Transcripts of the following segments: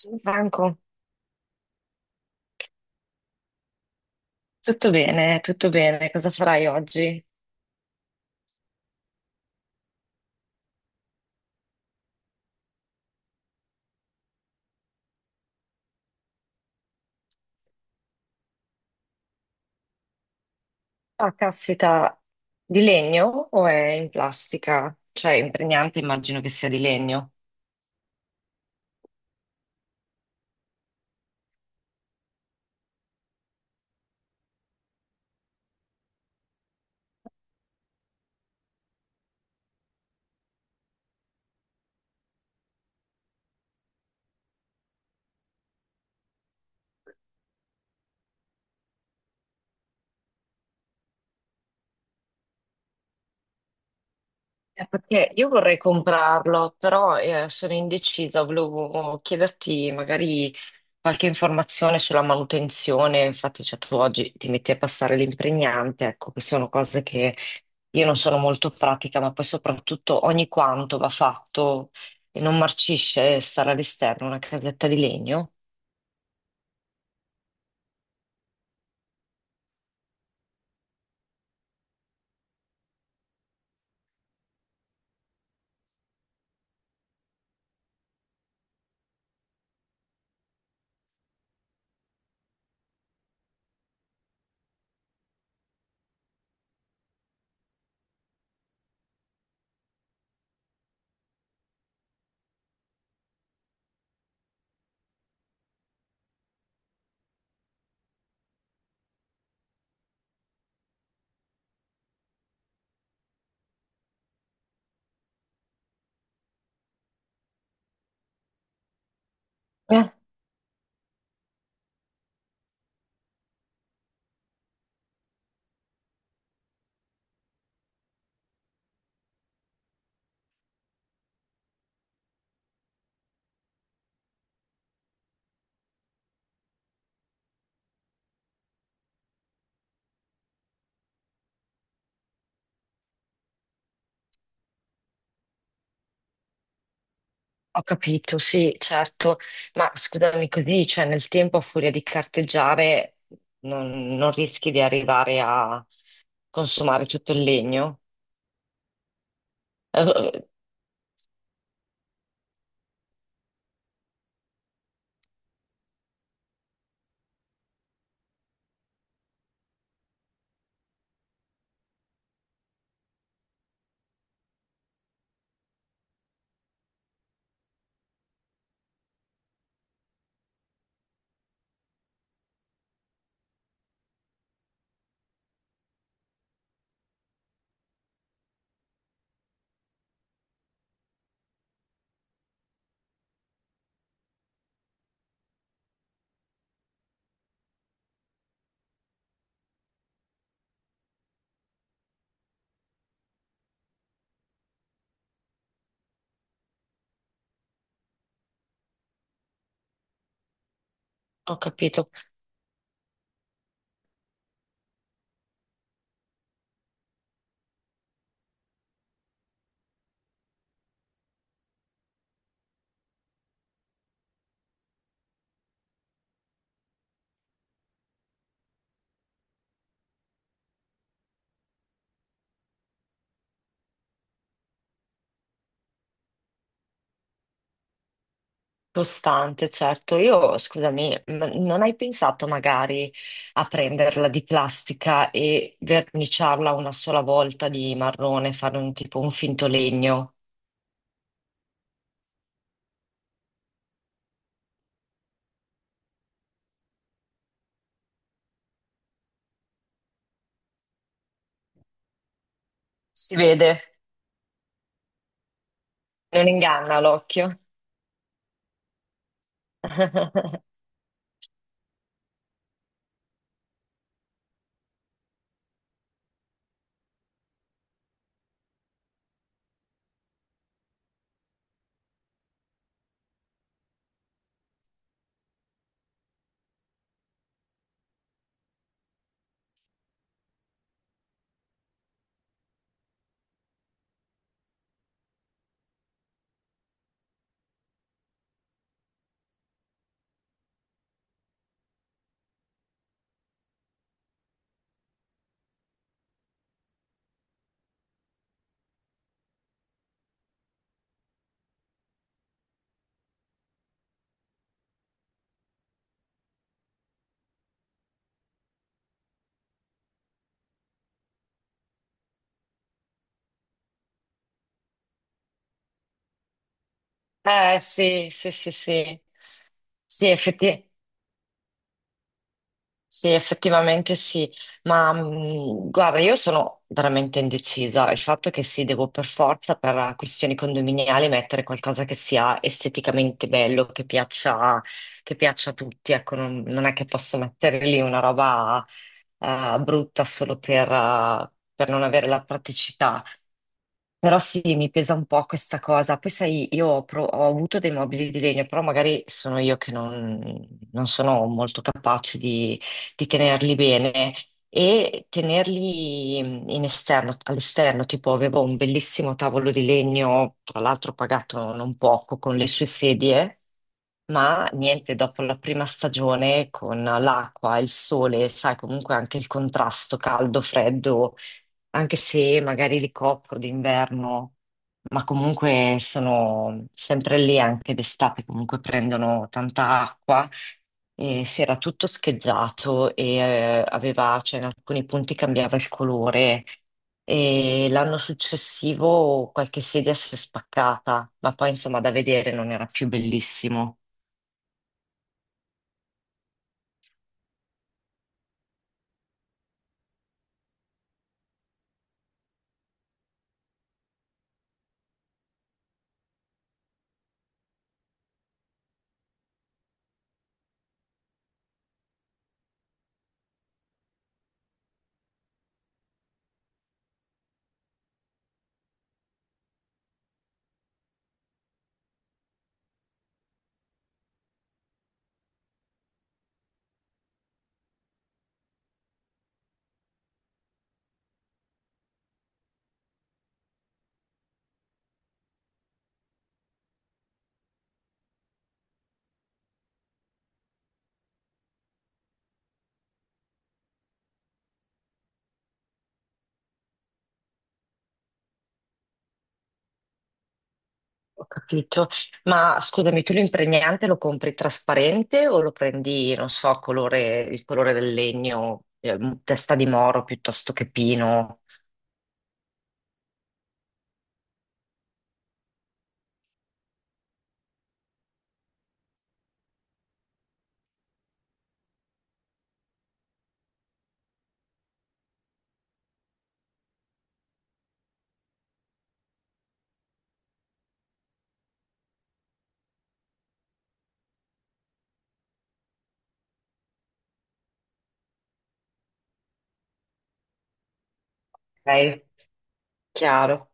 Ciao Franco, tutto bene, tutto bene. Cosa farai oggi? Ah, caspita, di legno o è in plastica? Cioè, impregnante immagino che sia di legno. Perché io vorrei comprarlo, però sono indecisa, volevo chiederti magari qualche informazione sulla manutenzione. Infatti, cioè, tu oggi ti metti a passare l'impregnante, ecco, che sono cose che. Io non sono molto pratica, ma poi soprattutto ogni quanto va fatto e non marcisce stare all'esterno, una casetta di legno. Eh, Ho capito, sì, certo, ma scusami così, cioè nel tempo a furia di carteggiare non rischi di arrivare a consumare tutto il legno. Eh, ho capito. Costante, certo. Io, scusami, non hai pensato magari a prenderla di plastica e verniciarla una sola volta di marrone, fare un tipo un finto legno? Si vede. Non inganna l'occhio. Eh sì, sì, sì, sì. Sì, effetti. Sì, effettivamente sì, ma guarda, io sono veramente indecisa. Il fatto che sì, devo per forza, per questioni condominiali, mettere qualcosa che sia esteticamente bello, che piaccia a tutti. Ecco, non è che posso mettere lì una roba brutta solo per non avere la praticità. Però sì, mi pesa un po' questa cosa. Poi sai, ho avuto dei mobili di legno, però magari sono io che non sono molto capace di tenerli bene e tenerli mhmm, in esterno, all'esterno, tipo avevo un bellissimo tavolo di legno, tra l'altro pagato non poco con le sue sedie, ma niente, dopo la prima stagione con l'acqua, il sole, sai, comunque anche il contrasto caldo-freddo anche se magari li copro d'inverno, ma comunque sono sempre lì anche d'estate, comunque prendono tanta acqua e si era tutto scheggiato e cioè in alcuni punti cambiava il colore. E l'anno successivo qualche sedia si è spaccata, ma poi insomma da vedere non era più bellissimo. Ho capito. Ma scusami, tu l'impregnante lo compri trasparente o lo prendi, non so, colore, il colore del legno, testa di moro piuttosto che pino? Ok, chiaro.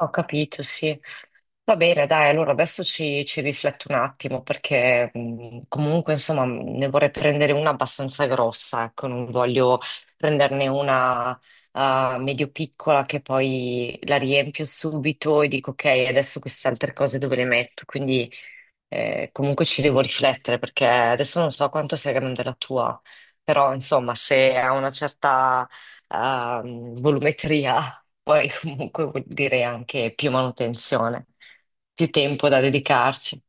Ho capito, sì. Va bene, dai, allora adesso ci rifletto un attimo perché comunque, insomma, ne vorrei prendere una abbastanza grossa, ecco, non voglio prenderne una medio piccola che poi la riempio subito e dico ok, adesso queste altre cose dove le metto? Quindi comunque ci devo riflettere perché adesso non so quanto sia grande la tua, però insomma, se ha una certa volumetria, poi comunque vuol dire anche più manutenzione, più tempo da dedicarci.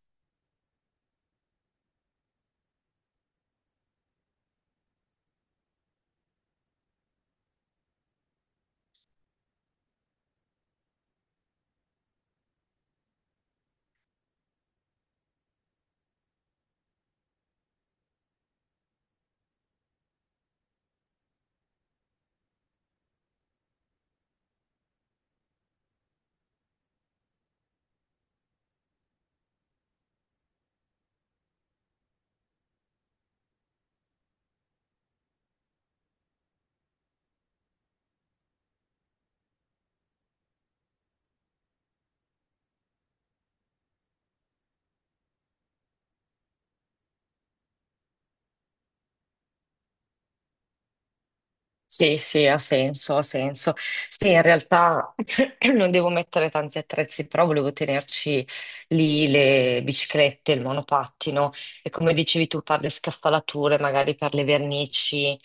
Sì, sì, ha senso, ha senso. Sì, in realtà non devo mettere tanti attrezzi, però volevo tenerci lì le biciclette, il monopattino e come dicevi tu per le scaffalature, magari per le vernici.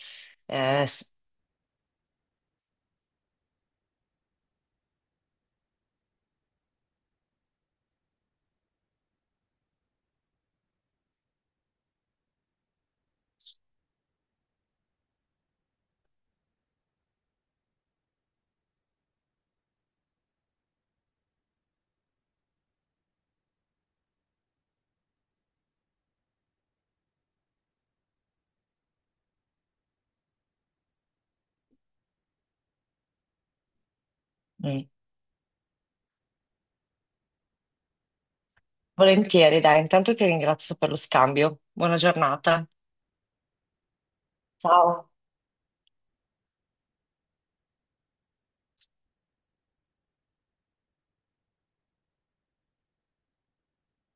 eh, Mm. Volentieri, dai, intanto ti ringrazio per lo scambio. Buona giornata. Ciao.